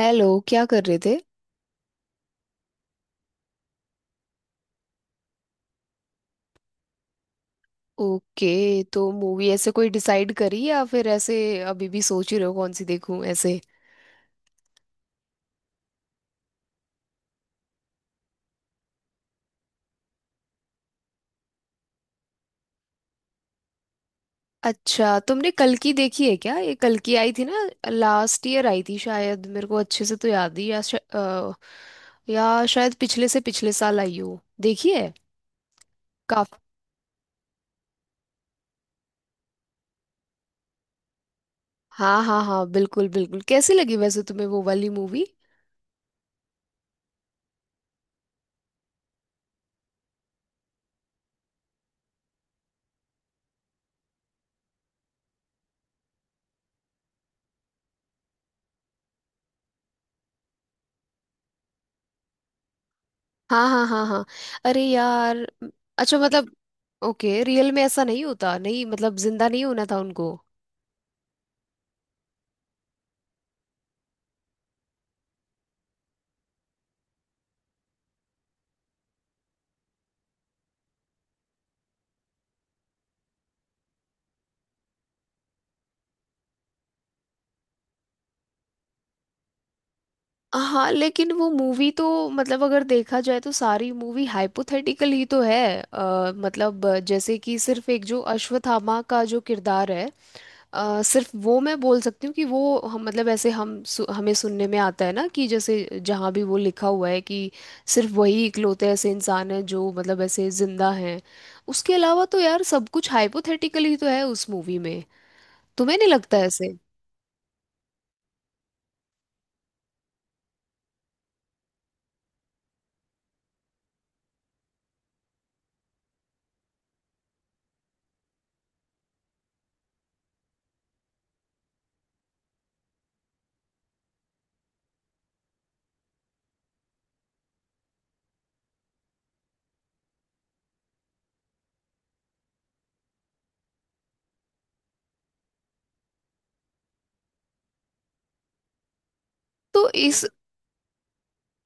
Hello, क्या कर रहे थे। ओके, तो मूवी ऐसे कोई डिसाइड करी या फिर ऐसे अभी भी सोच ही रहे हो कौन सी देखूं ऐसे। अच्छा, तुमने कल की देखी है क्या? ये कल की आई थी ना। लास्ट ईयर आई थी शायद, मेरे को अच्छे से तो याद ही या शायद पिछले से पिछले साल आई हो, देखी है। काफ हाँ, हाँ, हाँ, बिल्कुल बिल्कुल कैसी लगी वैसे तुम्हें वो वाली मूवी? हाँ, हाँ, हाँ, हाँ। अरे यार। अच्छा, मतलब। ओके, रियल में ऐसा नहीं होता, नहीं मतलब जिंदा नहीं होना था उनको। हाँ, लेकिन वो मूवी तो मतलब अगर देखा जाए तो सारी मूवी हाइपोथेटिकल ही तो है। मतलब जैसे कि सिर्फ एक जो अश्वत्थामा का जो किरदार है। सिर्फ वो मैं बोल सकती हूँ कि वो हम मतलब ऐसे हमें सुनने में आता है ना कि जैसे जहाँ भी वो लिखा हुआ है कि सिर्फ वही इकलौते ऐसे इंसान हैं जो मतलब ऐसे जिंदा हैं। उसके अलावा तो यार सब कुछ हाइपोथेटिकल ही तो है उस मूवी में। तुम्हें नहीं लगता ऐसे? तो इस।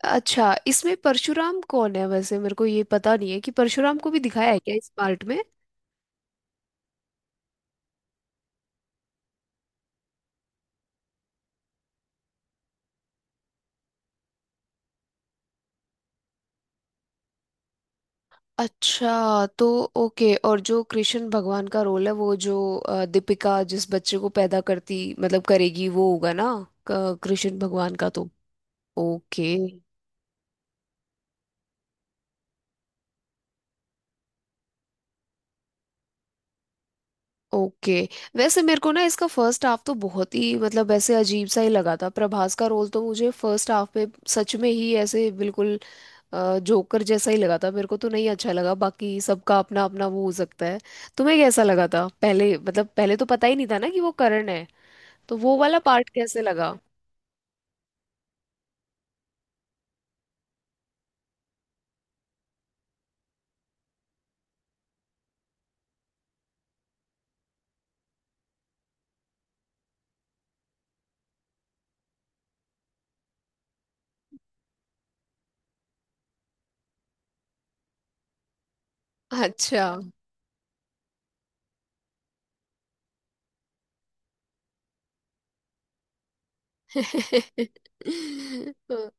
अच्छा, इसमें परशुराम कौन है वैसे? मेरे को ये पता नहीं है कि परशुराम को भी दिखाया है क्या इस पार्ट में। अच्छा, तो। ओके, और जो कृष्ण भगवान का रोल है वो जो दीपिका जिस बच्चे को पैदा करती मतलब करेगी वो होगा ना। कृष्ण भगवान का तो। ओके। ओके। वैसे मेरे को ना इसका फर्स्ट हाफ तो बहुत ही मतलब ऐसे अजीब सा ही लगा था। प्रभास का रोल तो मुझे फर्स्ट हाफ में सच में ही ऐसे बिल्कुल जोकर जैसा ही लगा था, मेरे को तो नहीं अच्छा लगा। बाकी सबका अपना अपना वो हो सकता है। तुम्हें कैसा लगा था? पहले मतलब पहले तो पता ही नहीं था ना कि वो करण है। तो वो वाला पार्ट कैसे लगा? अच्छा।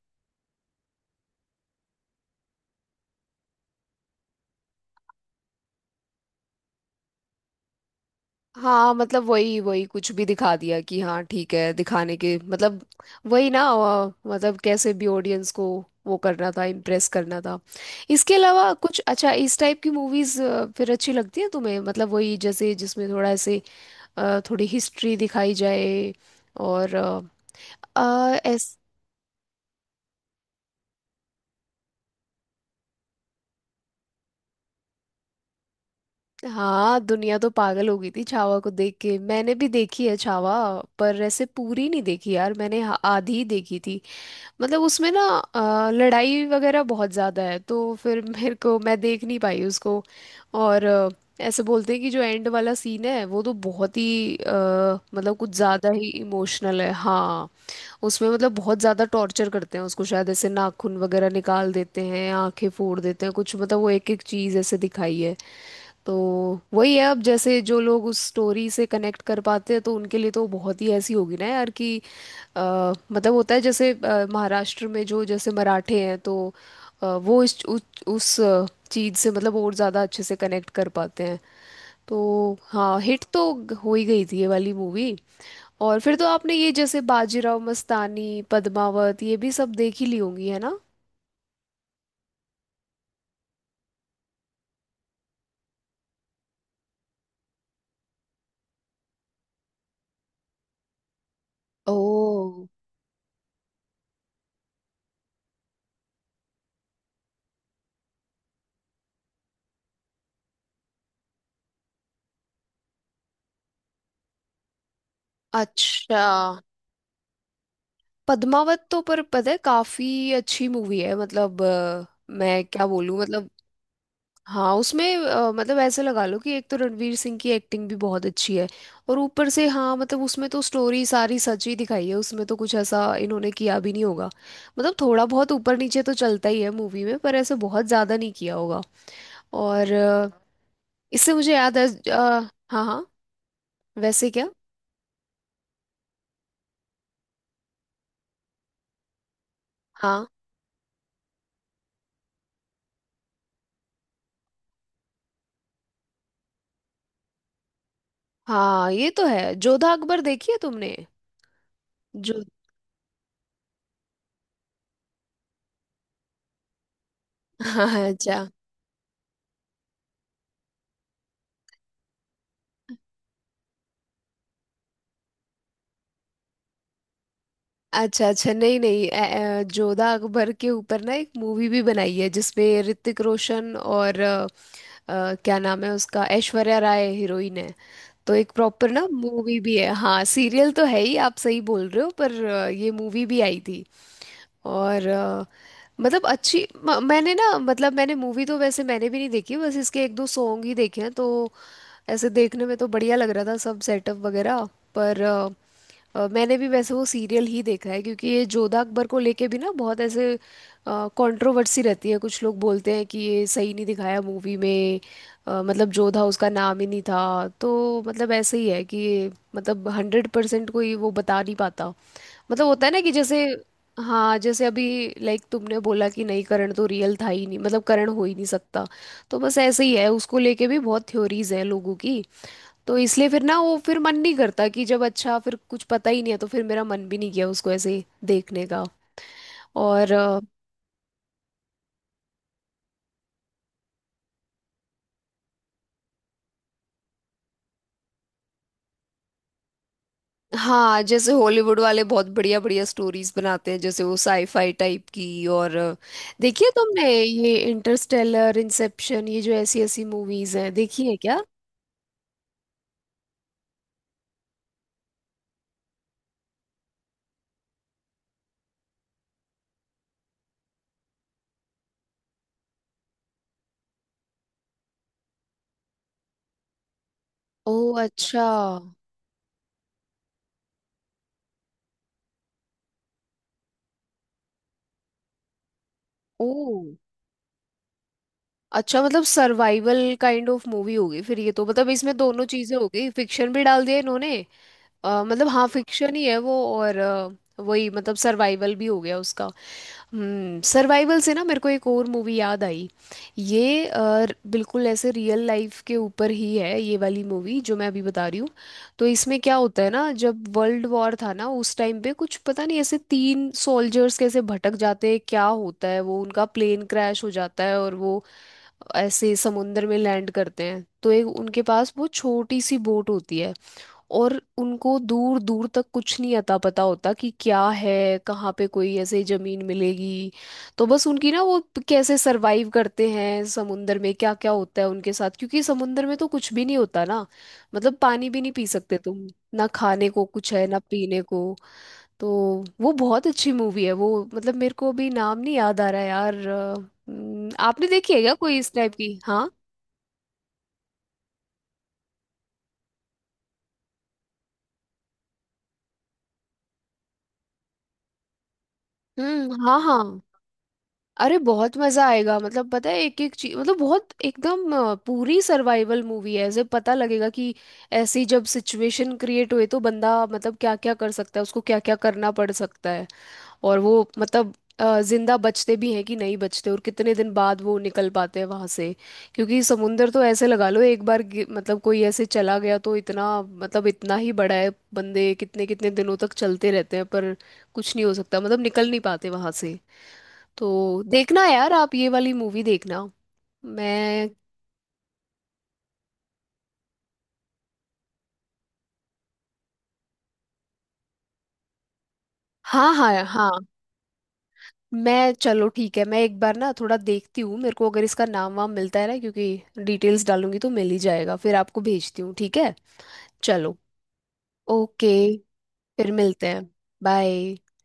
हाँ, मतलब वही वही कुछ भी दिखा दिया कि हाँ ठीक है दिखाने के मतलब। वही ना, मतलब कैसे भी ऑडियंस को। वो करना था, इम्प्रेस करना था। इसके अलावा कुछ अच्छा इस टाइप की मूवीज फिर अच्छी लगती है तुम्हें? मतलब वही जैसे जिसमें थोड़ा ऐसे। थोड़ी हिस्ट्री दिखाई जाए। और अ, अ, ऐस हाँ, दुनिया तो पागल हो गई थी छावा को देख के। मैंने भी देखी है छावा। पर ऐसे पूरी नहीं देखी यार मैंने, आधी ही देखी थी। मतलब उसमें ना लड़ाई वगैरह बहुत ज़्यादा है तो फिर मेरे को मैं देख नहीं पाई उसको। और ऐसे बोलते हैं कि जो एंड वाला सीन है वो तो बहुत ही मतलब कुछ ज़्यादा ही इमोशनल है, हाँ। उसमें मतलब बहुत ज़्यादा टॉर्चर करते हैं उसको, शायद ऐसे नाखून वगैरह निकाल देते हैं, आंखें फोड़ देते हैं, कुछ मतलब वो एक एक चीज़ ऐसे दिखाई है। तो वही है अब, जैसे जो लोग उस स्टोरी से कनेक्ट कर पाते हैं तो उनके लिए तो बहुत ही ऐसी होगी ना यार कि। अ, मतलब होता है जैसे महाराष्ट्र में जो जैसे मराठे हैं तो। वो उस चीज़ से मतलब और ज़्यादा अच्छे से कनेक्ट कर पाते हैं। तो हाँ, हिट तो हो ही गई थी ये वाली मूवी। और फिर तो आपने ये जैसे बाजीराव मस्तानी, पद्मावत ये भी सब देख ही ली होंगी, है ना? ओ, अच्छा। पद्मावत तो पर पता है, काफ़ी अच्छी मूवी है, मतलब मैं क्या बोलूँ। हाँ, उसमें मतलब ऐसे लगा लो कि एक तो रणवीर सिंह की एक्टिंग भी बहुत अच्छी है। और ऊपर से हाँ, मतलब उसमें तो स्टोरी सारी सच ही दिखाई है, उसमें तो कुछ ऐसा इन्होंने किया भी नहीं होगा। मतलब थोड़ा बहुत ऊपर नीचे तो चलता ही है मूवी में, पर ऐसे बहुत ज़्यादा नहीं किया होगा। और इससे मुझे याद है। अ, हाँ, हाँ। वैसे क्या? हाँ, हाँ, ये तो है। जोधा अकबर देखी है तुमने? जो हाँ, अच्छा, अच्छा, अच्छा, नहीं, नहीं, जोधा अकबर के ऊपर ना एक मूवी भी बनाई है जिसमें ऋतिक रोशन और क्या नाम है उसका, ऐश्वर्या राय हीरोइन है। तो एक प्रॉपर ना मूवी भी है, हाँ सीरियल तो है ही, आप सही बोल रहे हो, पर ये मूवी भी आई थी। और मतलब अच्छी मैंने ना मतलब मैंने मूवी तो वैसे मैंने भी नहीं देखी, बस इसके एक दो सॉन्ग ही देखे हैं तो। ऐसे देखने में तो बढ़िया लग रहा था सब सेटअप वगैरह। पर मैंने भी वैसे वो सीरियल ही देखा है क्योंकि ये जोधा अकबर को लेके भी ना बहुत ऐसे कंट्रोवर्सी रहती है, कुछ लोग बोलते हैं कि ये सही नहीं दिखाया मूवी में। मतलब जोधा उसका नाम ही नहीं था। तो मतलब ऐसे ही है कि ये मतलब 100% कोई वो बता नहीं पाता। मतलब होता है ना कि जैसे। हाँ, जैसे अभी। लाइक तुमने बोला कि नहीं, करण तो रियल था ही नहीं, मतलब करण हो ही नहीं सकता। तो बस ऐसे ही है, उसको लेके भी बहुत थ्योरीज हैं लोगों की। तो इसलिए फिर ना वो फिर मन नहीं करता कि जब अच्छा फिर कुछ पता ही नहीं है तो फिर मेरा मन भी नहीं किया उसको ऐसे ही देखने का। और हाँ, जैसे हॉलीवुड वाले बहुत बढ़िया बढ़िया स्टोरीज बनाते हैं, जैसे वो साईफाई टाइप की। और देखी है तुमने ये इंटरस्टेलर, इंसेप्शन ये जो ऐसी ऐसी मूवीज हैं, देखी है क्या? ओ, अच्छा। ओ, अच्छा, मतलब सर्वाइवल काइंड ऑफ मूवी होगी फिर ये तो। मतलब इसमें दोनों चीजें हो गई, फिक्शन भी डाल दिया इन्होंने। मतलब हाँ, फिक्शन ही है वो और वही मतलब सर्वाइवल भी हो गया उसका। सर्वाइवल से ना मेरे को एक और मूवी याद आई। ये बिल्कुल ऐसे रियल लाइफ के ऊपर ही है ये वाली मूवी जो मैं अभी बता रही हूँ। तो इसमें क्या होता है ना, जब वर्ल्ड वॉर था ना उस टाइम पे, कुछ पता नहीं ऐसे तीन सोल्जर्स कैसे भटक जाते हैं, क्या होता है वो उनका प्लेन क्रैश हो जाता है और वो ऐसे समुंदर में लैंड करते हैं। तो एक उनके पास वो छोटी सी बोट होती है, और उनको दूर दूर तक कुछ नहीं अता पता होता कि क्या है, कहाँ पे कोई ऐसे जमीन मिलेगी। तो बस उनकी ना वो, कैसे सरवाइव करते हैं समुंदर में, क्या क्या होता है उनके साथ, क्योंकि समुंदर में तो कुछ भी नहीं होता ना। मतलब पानी भी नहीं पी सकते तुम, ना खाने को कुछ है ना पीने को। तो वो बहुत अच्छी मूवी है वो। मतलब मेरे को अभी नाम नहीं याद आ रहा यार, आपने देखी है क्या कोई इस टाइप की? हाँ। हम्म, हाँ, हाँ। अरे, बहुत मजा आएगा, मतलब पता है एक एक चीज मतलब बहुत एकदम पूरी सर्वाइवल मूवी है जब पता लगेगा कि ऐसी जब सिचुएशन क्रिएट हुए तो बंदा मतलब क्या क्या कर सकता है, उसको क्या क्या करना पड़ सकता है। और वो मतलब जिंदा बचते भी हैं कि नहीं बचते, और कितने दिन बाद वो निकल पाते हैं वहां से। क्योंकि समुंदर तो ऐसे लगा लो, एक बार मतलब कोई ऐसे चला गया तो इतना मतलब इतना ही बड़ा है, बंदे कितने कितने दिनों तक चलते रहते हैं पर कुछ नहीं हो सकता, मतलब निकल नहीं पाते वहां से। तो देखना यार आप ये वाली मूवी देखना। मैं हाँ, हाँ, हाँ, मैं चलो ठीक है, मैं एक बार ना थोड़ा देखती हूँ, मेरे को अगर इसका नाम वाम मिलता है ना क्योंकि डिटेल्स डालूंगी तो मिल ही जाएगा, फिर आपको भेजती हूँ ठीक है। चलो, ओके, फिर मिलते हैं, बाय।